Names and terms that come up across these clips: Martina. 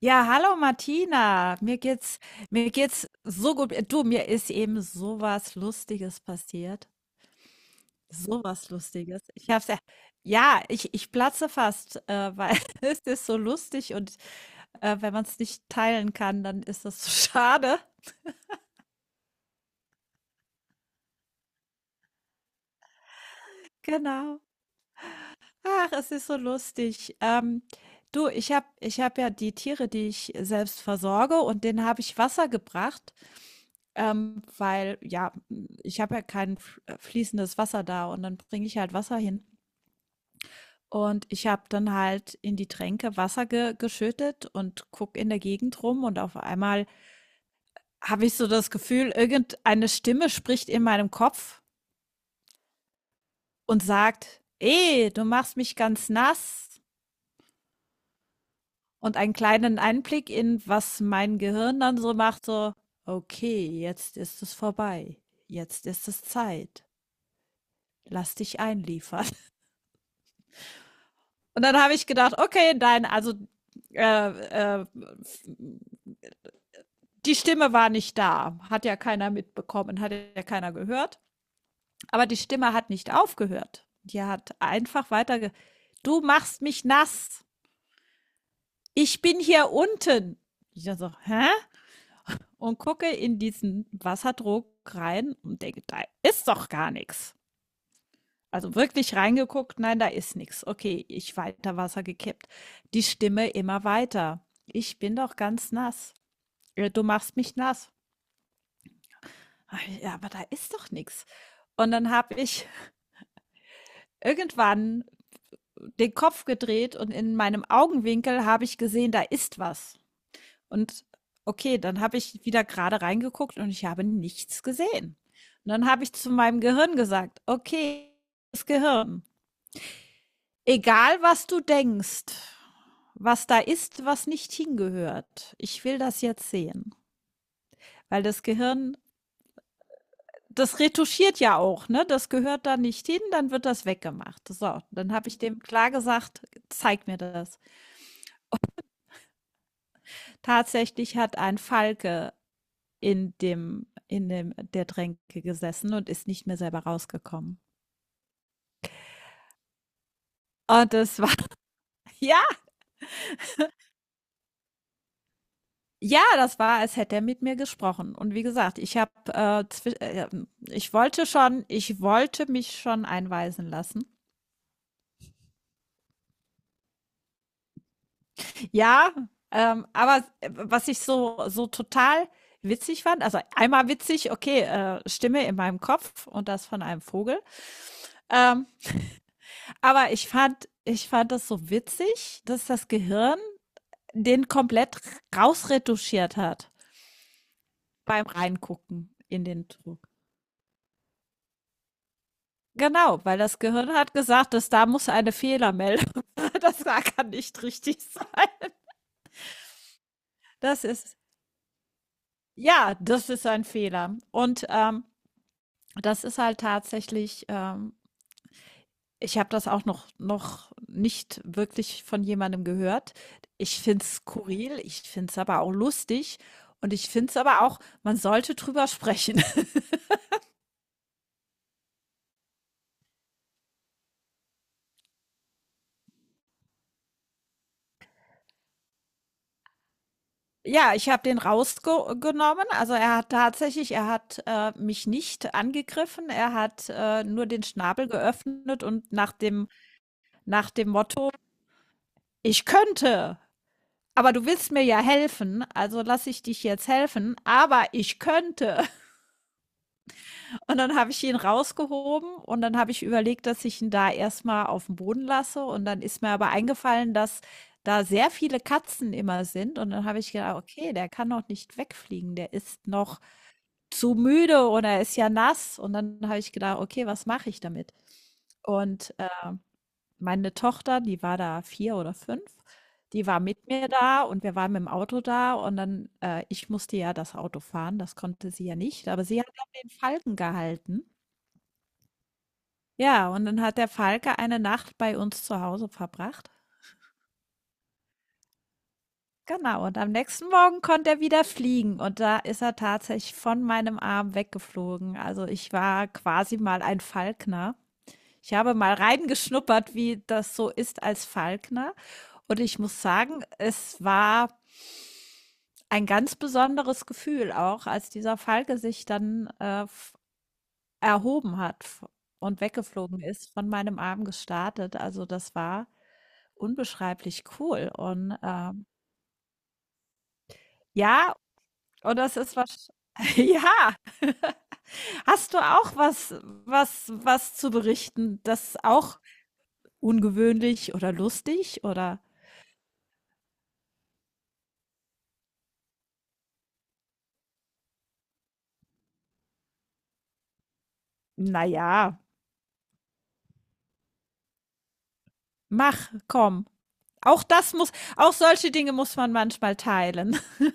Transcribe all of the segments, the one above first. Ja, hallo Martina. Mir geht's so gut. Du, mir ist eben so was Lustiges passiert. So was Lustiges. Ich hab's ja, ja, ich platze fast, weil es ist so lustig und wenn man es nicht teilen kann, dann ist das so schade. Genau. Ach, es ist so lustig. Du, ich hab ja die Tiere, die ich selbst versorge, und denen habe ich Wasser gebracht. Weil ja, ich habe ja kein f fließendes Wasser da und dann bringe ich halt Wasser hin. Und ich habe dann halt in die Tränke Wasser ge geschüttet und guck in der Gegend rum, und auf einmal habe ich so das Gefühl, irgendeine Stimme spricht in meinem Kopf und sagt: "Eh, du machst mich ganz nass.“ Und einen kleinen Einblick in, was mein Gehirn dann so macht, so: „Okay, jetzt ist es vorbei. Jetzt ist es Zeit. Lass dich einliefern.“ Und dann habe ich gedacht, okay, nein, also äh, äh, die Stimme war nicht da, hat ja keiner mitbekommen, hat ja keiner gehört. Aber die Stimme hat nicht aufgehört. Die hat einfach weiter. Ge du machst mich nass. Ich bin hier unten. Ich so, hä? Und gucke in diesen Wasserdruck rein und denke, da ist doch gar nichts. Also wirklich reingeguckt, nein, da ist nichts. Okay, ich weiter Wasser gekippt. Die Stimme immer weiter. Ich bin doch ganz nass. Du machst mich nass. Hab ich, ja, aber da ist doch nichts. Und dann habe ich irgendwann den Kopf gedreht und in meinem Augenwinkel habe ich gesehen, da ist was. Und okay, dann habe ich wieder gerade reingeguckt und ich habe nichts gesehen. Und dann habe ich zu meinem Gehirn gesagt, okay, das Gehirn, egal was du denkst, was da ist, was nicht hingehört, ich will das jetzt sehen. Weil das Gehirn, das retuschiert ja auch, ne? Das gehört da nicht hin, dann wird das weggemacht. So, dann habe ich dem klar gesagt: „Zeig mir das.“ Tatsächlich hat ein Falke in dem der Tränke gesessen und ist nicht mehr selber rausgekommen. Und das war ja, ja, das war, als hätte er mit mir gesprochen. Und wie gesagt, ich habe, zwi ich wollte schon ich wollte mich schon einweisen lassen. Ja, aber was ich so so total witzig fand, also einmal witzig, okay, Stimme in meinem Kopf und das von einem Vogel. Ähm, aber ich fand das so witzig, dass das Gehirn den komplett rausretuschiert hat beim Reingucken in den Druck. Genau, weil das Gehirn hat gesagt, dass da muss eine Fehlermeldung, das kann nicht richtig sein. Das ist, ja, das ist ein Fehler. Und das ist halt tatsächlich ich habe das auch noch nicht wirklich von jemandem gehört. Ich finde es skurril, ich finde es aber auch lustig und ich finde es aber auch, man sollte drüber sprechen. Ja, ich habe den rausgenommen. Also, er hat tatsächlich er hat mich nicht angegriffen. Er hat, nur den Schnabel geöffnet und nach dem Motto: „Ich könnte, aber du willst mir ja helfen, also lasse ich dich jetzt helfen, aber ich könnte.“ Und dann habe ich ihn rausgehoben und dann habe ich überlegt, dass ich ihn da erstmal auf den Boden lasse, und dann ist mir aber eingefallen, dass da sehr viele Katzen immer sind, und dann habe ich gedacht: „Okay, der kann noch nicht wegfliegen, der ist noch zu müde oder er ist ja nass.“ Und dann habe ich gedacht: „Okay, was mache ich damit?“ Und, meine Tochter, die war da 4 oder 5, die war mit mir da und wir waren mit'm Auto da, und dann ich musste ja das Auto fahren, das konnte sie ja nicht, aber sie hat dann den Falken gehalten. Ja, und dann hat der Falke eine Nacht bei uns zu Hause verbracht. Genau, und am nächsten Morgen konnte er wieder fliegen und da ist er tatsächlich von meinem Arm weggeflogen. Also ich war quasi mal ein Falkner. Ich habe mal reingeschnuppert, wie das so ist als Falkner. Und ich muss sagen, es war ein ganz besonderes Gefühl auch, als dieser Falke sich dann erhoben hat v und weggeflogen ist, von meinem Arm gestartet. Also, das war unbeschreiblich cool und, ja, und das ist was ja, hast du auch was was zu berichten, das auch ungewöhnlich oder lustig oder na ja, mach, komm. Auch das muss auch solche Dinge muss man manchmal teilen.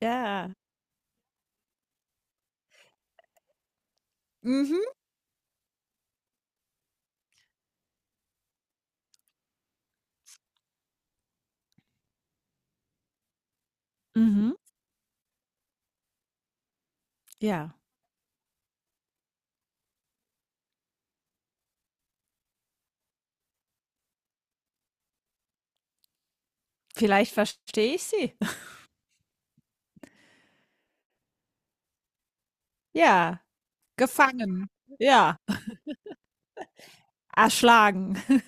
Ja. Mhm, mhm. Ja, vielleicht verstehe ich sie. Ja, gefangen. Ja, erschlagen.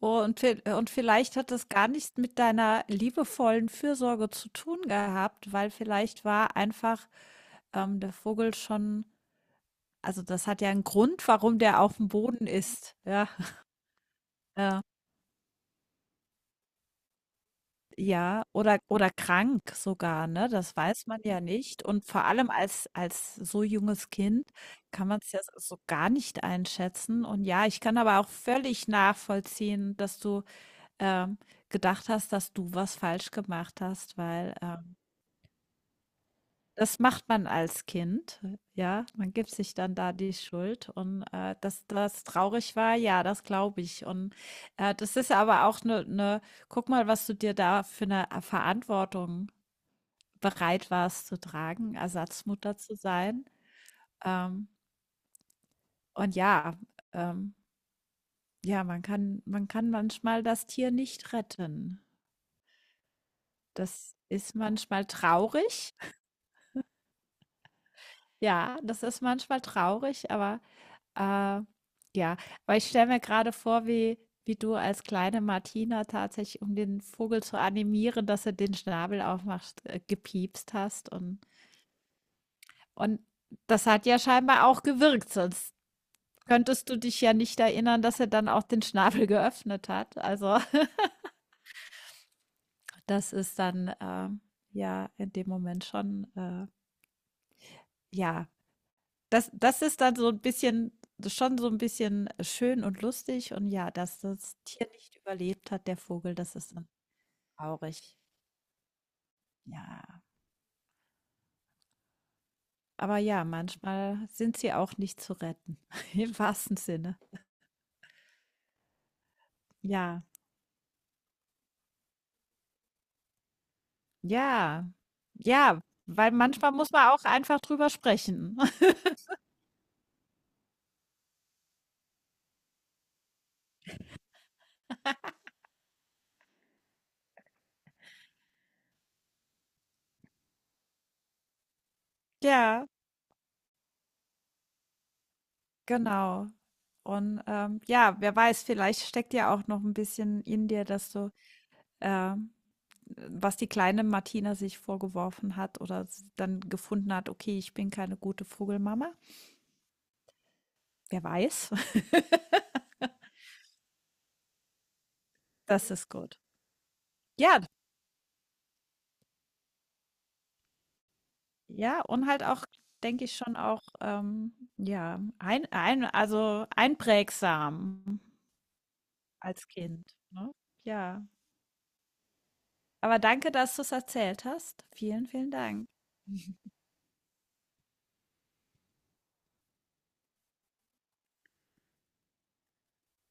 Und, und vielleicht hat das gar nichts mit deiner liebevollen Fürsorge zu tun gehabt, weil vielleicht war einfach der Vogel schon, also das hat ja einen Grund, warum der auf dem Boden ist. Ja, äh, ja oder krank sogar, ne? Das weiß man ja nicht. Und vor allem als, als so junges Kind kann man es ja so gar nicht einschätzen. Und ja, ich kann aber auch völlig nachvollziehen, dass du ähm, gedacht hast, dass du was falsch gemacht hast, weil, das macht man als Kind, ja? Man gibt sich dann da die Schuld, und, dass das traurig war, ja, das glaube ich und, das ist aber auch eine, 'ne guck mal, was du dir da für eine Verantwortung bereit warst zu tragen, Ersatzmutter zu sein. Ähm, und ja, ähm, ja, man kann manchmal das Tier nicht retten. Das ist manchmal traurig. Ja, das ist manchmal traurig, aber, äh, ja. Aber ich stelle mir gerade vor, wie du als kleine Martina tatsächlich, um den Vogel zu animieren, dass er den Schnabel aufmacht, gepiepst hast, und das hat ja scheinbar auch gewirkt, sonst könntest du dich ja nicht erinnern, dass er dann auch den Schnabel geöffnet hat. Also, das ist dann, ja, in dem Moment schon, ja, das ist dann so ein bisschen schön und lustig, und ja, dass das Tier nicht überlebt hat, der Vogel, das ist dann traurig. Ja. Aber ja, manchmal sind sie auch nicht zu retten, im wahrsten Sinne. Ja, ja, ja, weil manchmal muss man auch einfach drüber sprechen. Ja, genau. Und, ja, wer weiß, vielleicht steckt ja auch noch ein bisschen in dir, dass du, ähm was die kleine Martina sich vorgeworfen hat oder dann gefunden hat, okay, ich bin keine gute Vogelmama. Wer weiß, das ist gut. Ja, ja, und halt auch, denke ich schon auch, ja, also einprägsam als Kind. Ne? Ja, aber danke, dass du es erzählt hast. Vielen, vielen Dank.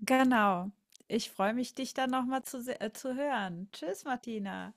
Genau. Ich freue mich, dich dann nochmal zu hören. Tschüss, Martina.